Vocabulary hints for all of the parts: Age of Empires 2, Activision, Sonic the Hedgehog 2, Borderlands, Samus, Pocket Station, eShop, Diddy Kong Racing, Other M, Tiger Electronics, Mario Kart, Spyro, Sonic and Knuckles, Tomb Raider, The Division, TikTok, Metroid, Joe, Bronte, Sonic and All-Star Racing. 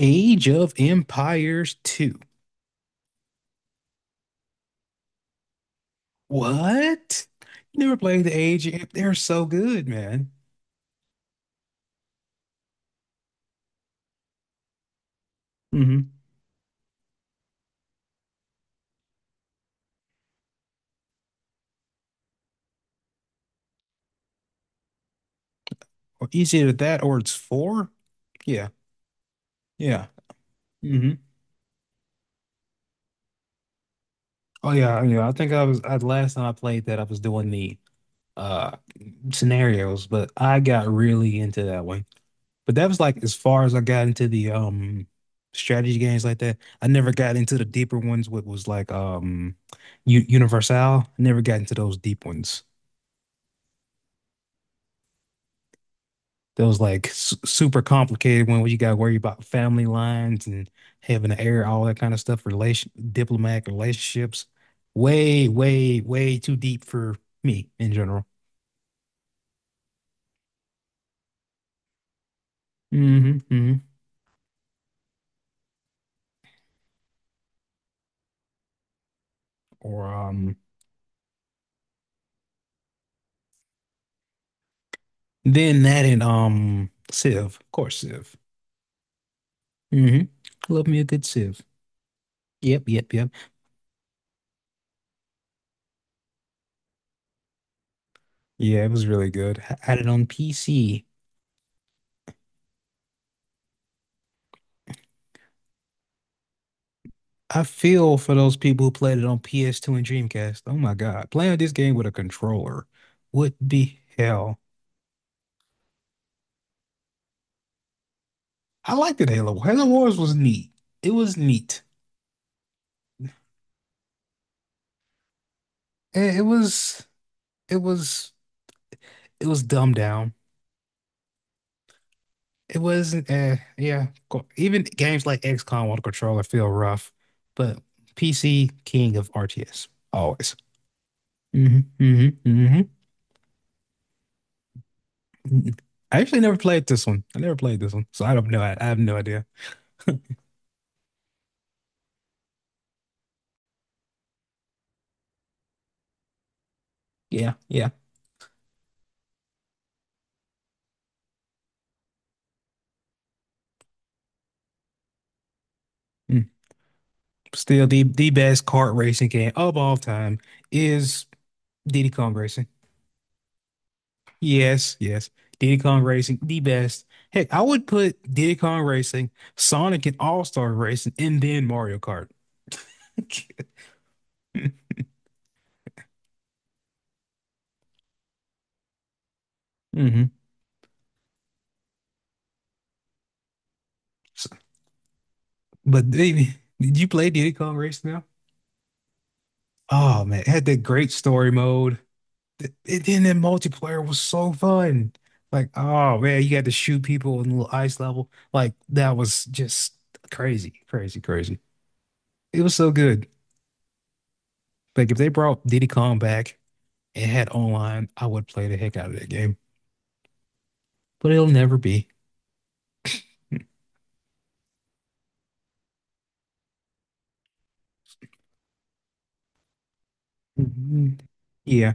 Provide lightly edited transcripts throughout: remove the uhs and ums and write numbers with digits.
Age of Empires 2. What? You never played the Age of, they're so good, man. Hmm. Or it's either that or it's four. Yeah. Yeah. Hmm. Oh yeah, yeah. I think last time I played that I was doing the uh scenarios, but I got really into that one. But that was like as far as I got into the strategy games like that. I never got into the deeper ones, what was like U Universal. I never got into those deep ones. Those like su super complicated one where you got to worry about family lines and having to air all that kind of stuff, relation diplomatic relationships. Way, way, way too deep for me in general. Hmm, hmm. Or, then that and Civ, of course, Civ. Hmm. Love me a good Civ. Yep, yep, yep. Yeah, it was really good. I had it on PC. I feel for those people who played it on PS2 and Dreamcast. Oh my God. Playing this game with a controller would be hell. I liked it, Halo. Halo Wars was neat. It was neat. Eh, It was it was it was dumbed down. It wasn't yeah, even games like XCOM on a controller feel rough, but PC king of RTS always. Hmm, hmm, hmm. I actually never played this one. I never played this one, so I don't know. I have no idea. Yeah, yeah. Mm-hmm. Still, the best kart racing game of all time is Diddy Kong Racing. Yes, yes, Diddy Kong Racing, the best. Heck, I would put Diddy Kong Racing, Sonic and All-Star Racing, and then Mario Kart. Hmm. But baby, did you play Diddy Kong Racing now? Oh man, it had that great story mode. And then the multiplayer was so fun. Like, oh man, you got to shoot people in a little ice level. Like that was just crazy, crazy, crazy. It was so good. Like if they brought Diddy Kong back and had online, I would play the heck out of that game. But it'll never be. Mhm. Yeah.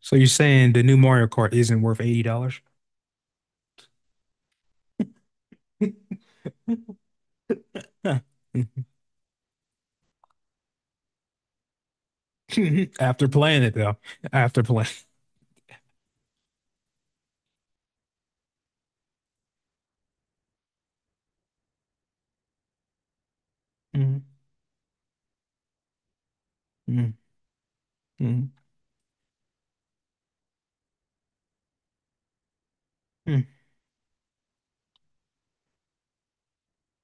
So you're saying the new Mario Kart isn't worth $80? Huh. After playing it though. After playing. Mm, mm, mm, mm,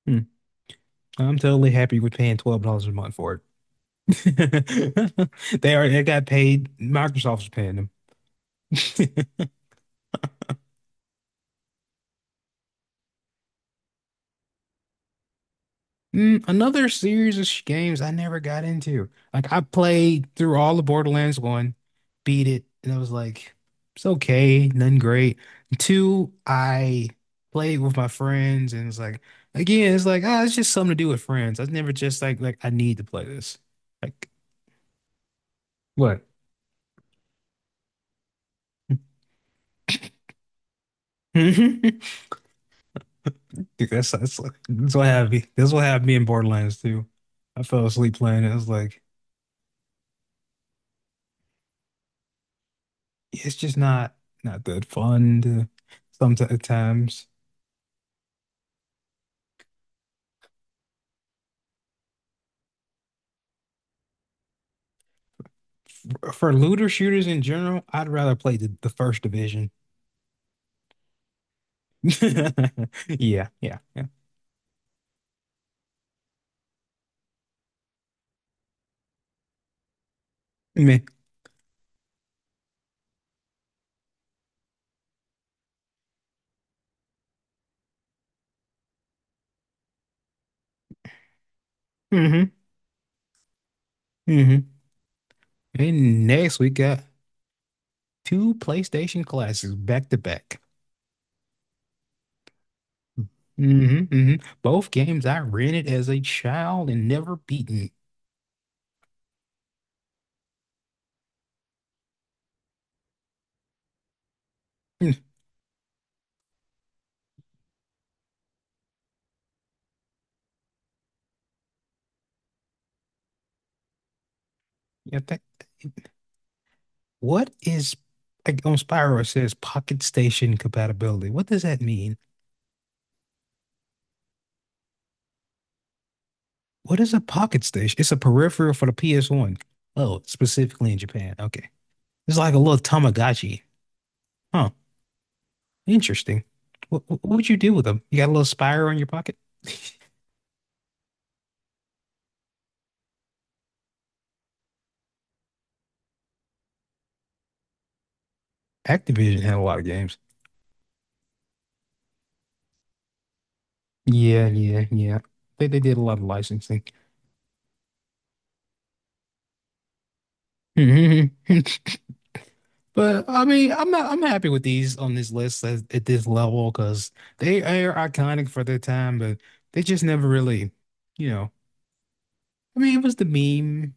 mm. I'm totally happy with paying $12 a month for it. They got paid. Microsoft's paying them. Another series of games I never got into. Like I played through all the Borderlands one, beat it, and I was like, it's okay, nothing great. Two, I played with my friends, and it's like, again, it's like, it's just something to do with friends. I was never just like I need to play this. Like what? Dude, that's like that's what happened. That's what happened me in Borderlands 2. I fell asleep playing it. I was like, "Yeah, it's just not that fun to sometimes. For looter shooters in general, I'd rather play the first division. Yeah, yeah, yeah. Meh. Mm-hmm. Mm-hmm. And next we got two PlayStation classics back to back. Hmm, hmm. Both games I rented as a child and never beaten. Hmm. Yeah, that, what is, like, on Spyro it says Pocket Station compatibility. What does that mean? What is a Pocket Station? It's a peripheral for the PS1. Oh, specifically in Japan. Okay. It's like a little Tamagotchi. Huh. Interesting. What would you do with them? You got a little Spyro in your pocket? Activision had a lot of games. Yeah, yeah, yeah. They did a lot of licensing. But I mean, I'm not I'm happy with these on this list at this level because they are iconic for their time, but they just never really, you know. I mean, it was the meme.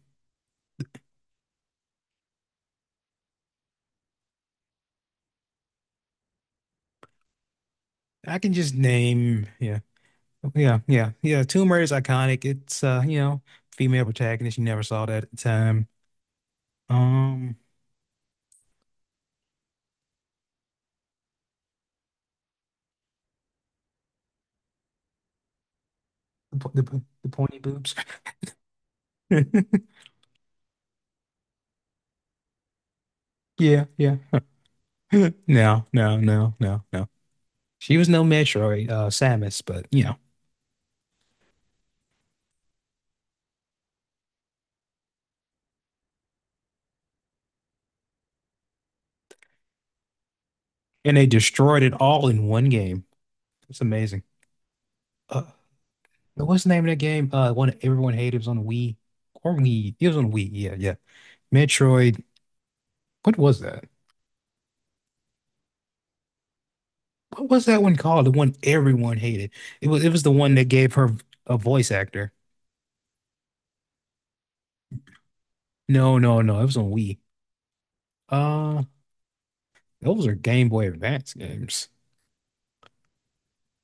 I can just name, yeah, yeah, yeah, yeah. Tomb Raider is iconic. It's female protagonist. You never saw that at the time. Um, the pointy boobs. Yeah, yeah. No, no, no, no, no. She was no Metroid, Samus, but you know, and they destroyed it all in one game. It's amazing. Uh, what's the name of that game? One that everyone hated it was on Wii or Wii. It was on Wii. Yeah, yeah. Metroid. What was that? What was that one called? The one everyone hated. It was the one that gave her a voice actor. No, no, no. It was on Wii. Uh, those are Game Boy Advance games.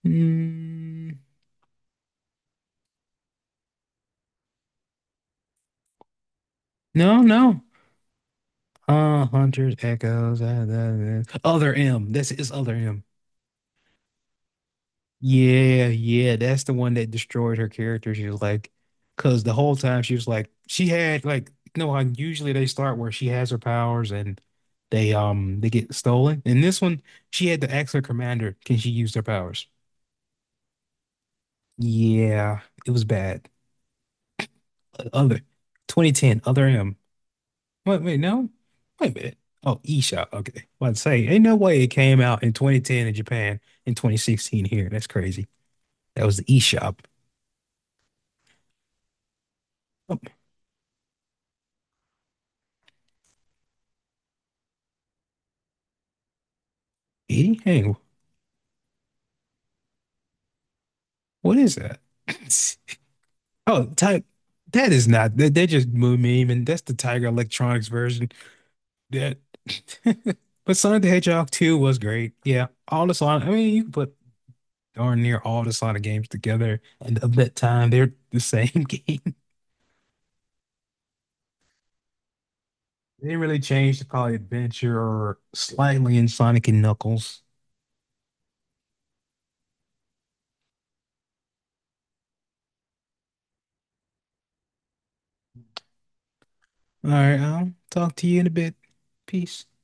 Mm, no, no. Hunter's Echoes. Other M. That's his other M. Yeah, yeah. That's the one that destroyed her character. She was like, because the whole time she was like, she had like, no, how usually they start where she has her powers and they get stolen. In this one, she had to ask her commander, can she use their powers? Yeah, it was bad. Other 2010, other M. Wait, wait, no. Wait a minute. Oh, eShop. Okay. Well, I'd say, ain't no way it came out in 2010 in Japan and 2016 here. That's crazy. That was the eShop. Oh, E? Hey, what is that? Oh, type. That is not. That they just moved meme, and that's the Tiger Electronics version. That. But Sonic the Hedgehog 2 was great. Yeah, all the Sonic. I mean, you can put darn near all the Sonic games together, and of that time, they're the same game. They didn't really change to probably Adventure or slightly in Sonic and Knuckles. All right, I'll talk to you in a bit. Peace.